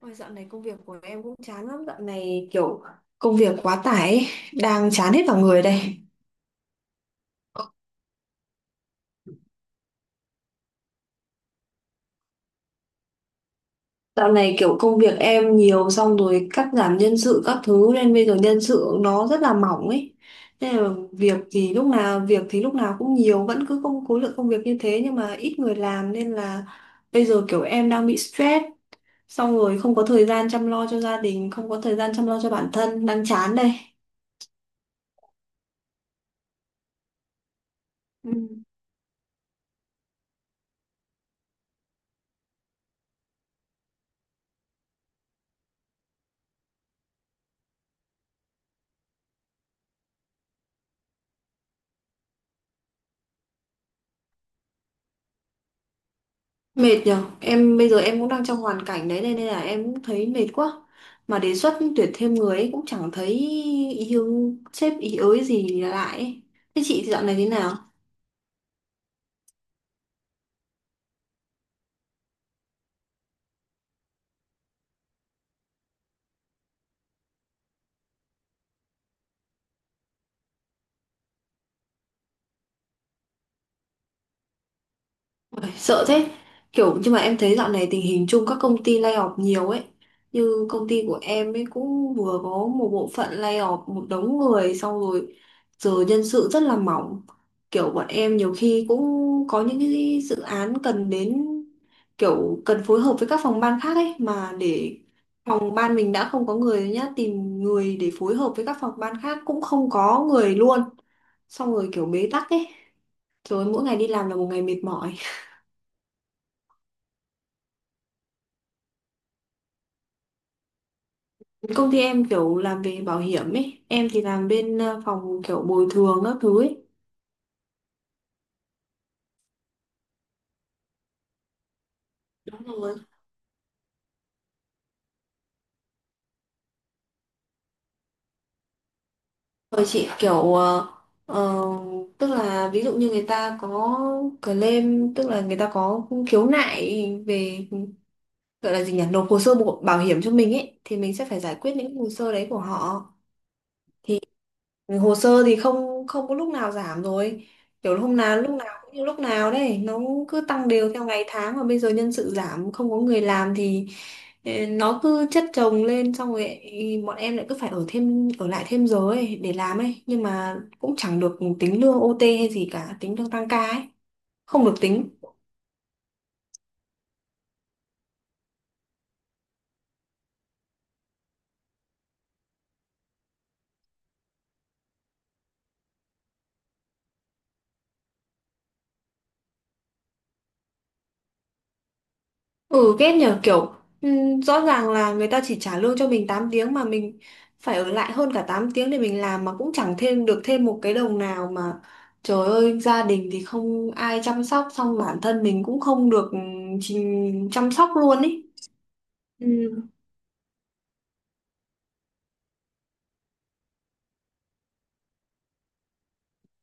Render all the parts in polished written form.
Ôi, dạo này công việc của em cũng chán lắm. Dạo này kiểu công việc quá tải ấy, đang chán hết vào người đây. Dạo này kiểu công việc em nhiều, xong rồi cắt giảm nhân sự các thứ, nên bây giờ nhân sự nó rất là mỏng ấy. Nên là việc thì lúc nào cũng nhiều, vẫn cứ khối lượng công việc như thế nhưng mà ít người làm, nên là bây giờ kiểu em đang bị stress, xong rồi không có thời gian chăm lo cho gia đình, không có thời gian chăm lo cho bản thân, đang chán đây. Ừ. Mệt nhở. Em bây giờ em cũng đang trong hoàn cảnh đấy. Nên nên là em cũng thấy mệt quá. Mà đề xuất tuyển thêm người ấy cũng chẳng thấy ý hướng sếp ý ới gì lại ấy. Thế chị dạo này thế nào? Ôi, sợ thế. Kiểu nhưng mà em thấy dạo này tình hình chung các công ty lay off nhiều ấy. Như công ty của em ấy cũng vừa có một bộ phận lay off một đống người, xong rồi giờ nhân sự rất là mỏng. Kiểu bọn em nhiều khi cũng có những cái dự án cần đến, kiểu cần phối hợp với các phòng ban khác ấy mà, để phòng ban mình đã không có người rồi nhá, tìm người để phối hợp với các phòng ban khác cũng không có người luôn, xong rồi kiểu bế tắc ấy, rồi mỗi ngày đi làm là một ngày mệt mỏi. Công ty em kiểu làm về bảo hiểm ấy, em thì làm bên phòng kiểu bồi thường các thứ ấy. Đúng rồi. Rồi chị kiểu ờ, tức là ví dụ như người ta có claim, tức là người ta có khiếu nại về, gọi là gì nhỉ, nộp hồ sơ bảo hiểm cho mình ấy, thì mình sẽ phải giải quyết những hồ sơ đấy của họ. Thì hồ sơ thì không không có lúc nào giảm rồi. Kiểu hôm nào lúc nào cũng như lúc nào đấy, nó cứ tăng đều theo ngày tháng, mà bây giờ nhân sự giảm, không có người làm thì ê, nó cứ chất chồng lên, xong rồi ý, bọn em lại cứ phải ở lại thêm giờ ấy để làm ấy, nhưng mà cũng chẳng được tính lương OT hay gì cả, tính lương tăng ca ấy, không được tính. Ừ ghét nhờ, kiểu rõ ràng là người ta chỉ trả lương cho mình 8 tiếng, mà mình phải ở lại hơn cả 8 tiếng để mình làm, mà cũng chẳng thêm được thêm một cái đồng nào mà, trời ơi gia đình thì không ai chăm sóc, xong bản thân mình cũng không được chăm sóc luôn ấy. Ừ.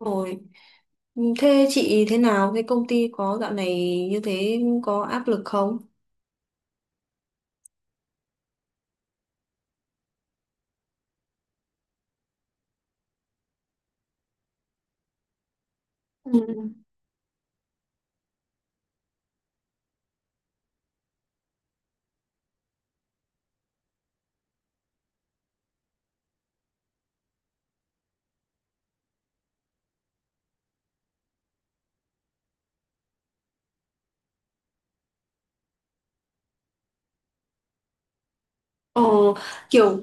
Rồi. Ừ, thế chị thế nào? Thế công ty có dạo này như thế có áp lực không? Ừ. Ờ, Kiểu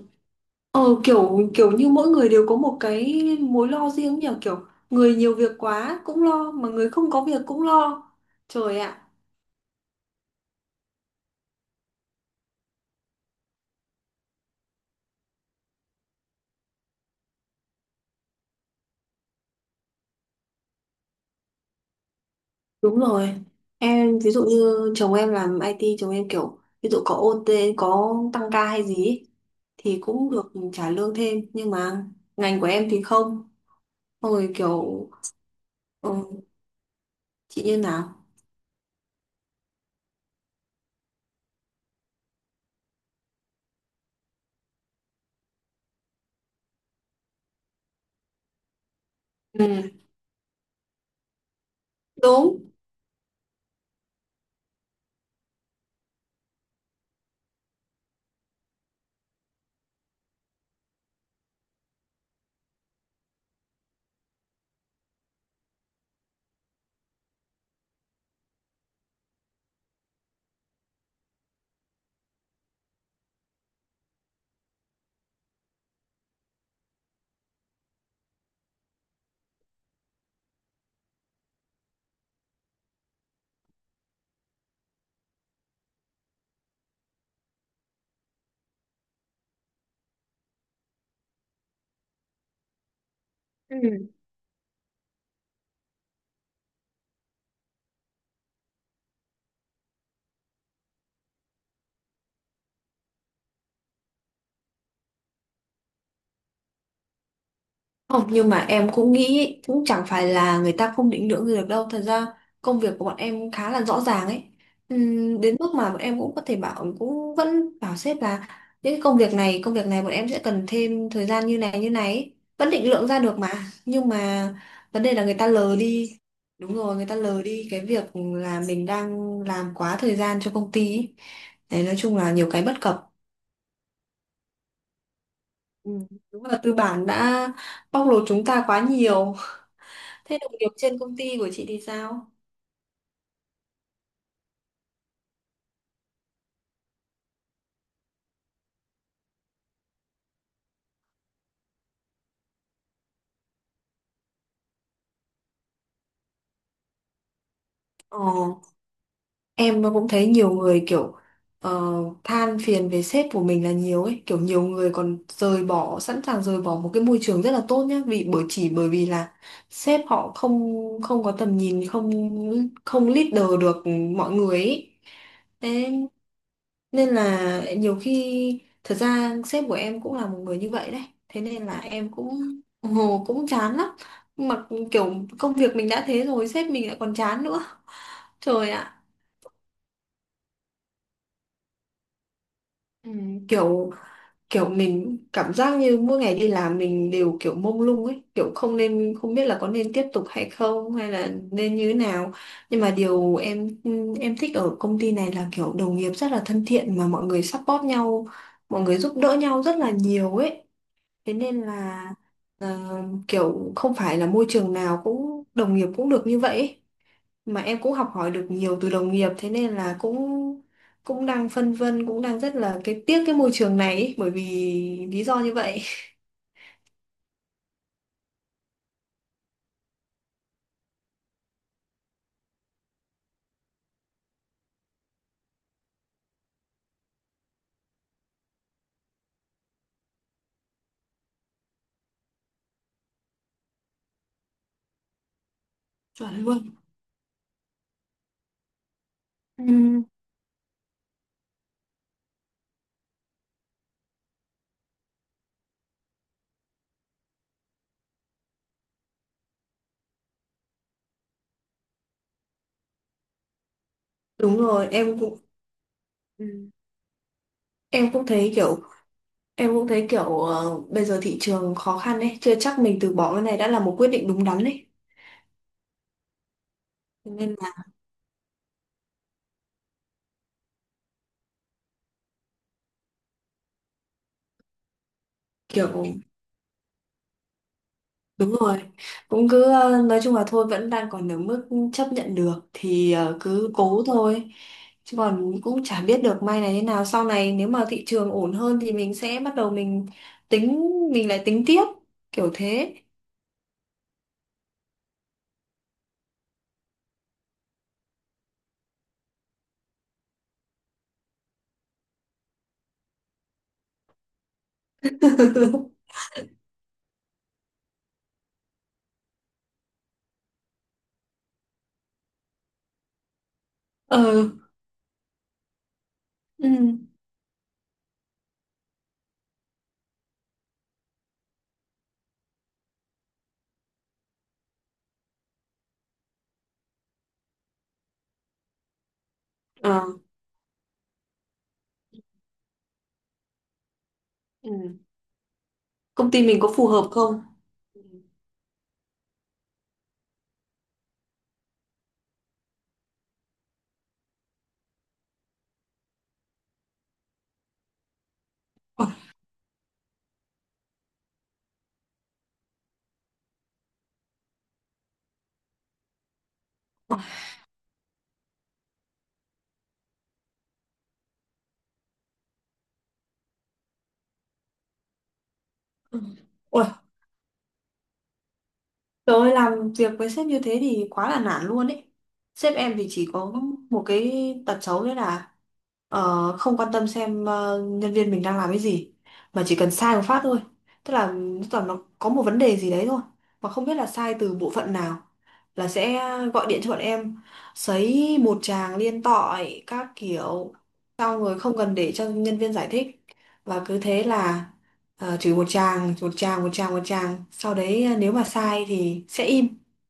kiểu kiểu như mỗi người đều có một cái mối lo riêng nhỉ, kiểu người nhiều việc quá cũng lo mà người không có việc cũng lo, trời ạ. Đúng rồi. Em ví dụ như chồng em làm IT, chồng em kiểu ví dụ có OT, có tăng ca hay gì ý, thì cũng được trả lương thêm, nhưng mà ngành của em thì không. Xong rồi kiểu, ừ, chị như nào? Ừ, đúng. Ừ. Không, nhưng mà em cũng nghĩ ấy, cũng chẳng phải là người ta không định lượng gì được đâu. Thật ra công việc của bọn em khá là rõ ràng ấy. Đến mức mà bọn em cũng có thể bảo cũng vẫn bảo sếp là những cái công việc này bọn em sẽ cần thêm thời gian như này ấy. Vẫn định lượng ra được mà. Nhưng mà vấn đề là người ta lờ đi. Đúng rồi, người ta lờ đi cái việc là mình đang làm quá thời gian cho công ty ấy. Đấy, nói chung là nhiều cái bất cập. Ừ, đúng là tư bản đã bóc lột chúng ta quá nhiều. Thế đồng nghiệp trên công ty của chị thì sao? Ờ, em cũng thấy nhiều người kiểu ờ, than phiền về sếp của mình là nhiều ấy, kiểu nhiều người còn rời bỏ, sẵn sàng rời bỏ một cái môi trường rất là tốt nhá, vì bởi chỉ bởi vì là sếp họ không không có tầm nhìn, không không leader được mọi người ấy. Thế nên là nhiều khi thật ra sếp của em cũng là một người như vậy đấy, thế nên là em cũng cũng chán lắm, mà kiểu công việc mình đã thế rồi sếp mình lại còn chán nữa, trời ạ. Ừ, kiểu kiểu mình cảm giác như mỗi ngày đi làm mình đều kiểu mông lung ấy, kiểu không biết là có nên tiếp tục hay không hay là nên như thế nào, nhưng mà điều em thích ở công ty này là kiểu đồng nghiệp rất là thân thiện, mà mọi người support nhau, mọi người giúp đỡ nhau rất là nhiều ấy, thế nên là ờ, kiểu không phải là môi trường nào cũng đồng nghiệp cũng được như vậy ấy. Mà em cũng học hỏi được nhiều từ đồng nghiệp, thế nên là cũng cũng đang phân vân, cũng đang rất là cái tiếc cái môi trường này ấy, bởi vì lý do như vậy. Chuẩn luôn. Ừ, đúng rồi, em cũng ừ. em cũng thấy kiểu em cũng thấy kiểu bây giờ thị trường khó khăn ấy, chưa chắc mình từ bỏ cái này đã là một quyết định đúng đắn ấy. Thế nên là kiểu. Đúng rồi, cũng cứ nói chung là thôi vẫn đang còn ở mức chấp nhận được thì cứ cố thôi. Chứ còn cũng chả biết được may này thế nào. Sau này nếu mà thị trường ổn hơn thì mình sẽ bắt đầu mình tính, mình lại tính tiếp kiểu thế. Ờ, ừ, ờ, ừ. Công ty mình có phù hợp không? Ừ. Ôi, ừ. Ôi, trời ơi, làm việc với sếp như thế thì quá là nản luôn ấy. Sếp em thì chỉ có một cái tật xấu đấy là không quan tâm xem nhân viên mình đang làm cái gì, mà chỉ cần sai một phát thôi, tức là tức là nó có một vấn đề gì đấy thôi, mà không biết là sai từ bộ phận nào, là sẽ gọi điện cho bọn em, sấy một tràng liên tội các kiểu, xong rồi không cần để cho nhân viên giải thích, và cứ thế là chửi một tràng một tràng một tràng một tràng, sau đấy nếu mà sai thì sẽ im,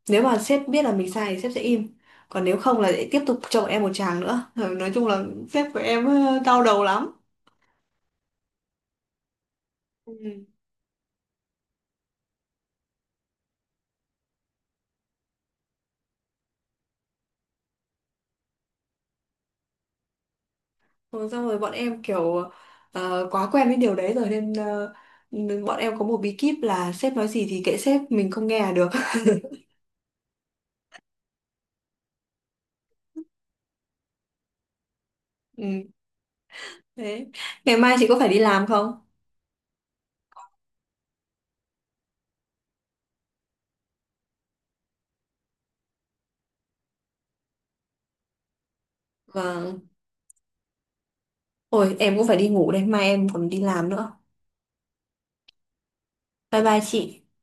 nếu mà sếp biết là mình sai thì sếp sẽ im, còn nếu không là lại tiếp tục chồng em một chàng nữa. Rồi nói chung là sếp của em đau đầu lắm. Ừ. Rồi xong rồi bọn em kiểu quá quen với điều đấy rồi, nên bọn em có một bí kíp là sếp nói gì thì kệ sếp, mình không nghe là được. Ừ. Thế ngày mai chị có phải đi làm không? Vâng, ôi em cũng phải đi ngủ đây, mai em còn đi làm nữa. Bye bye chị.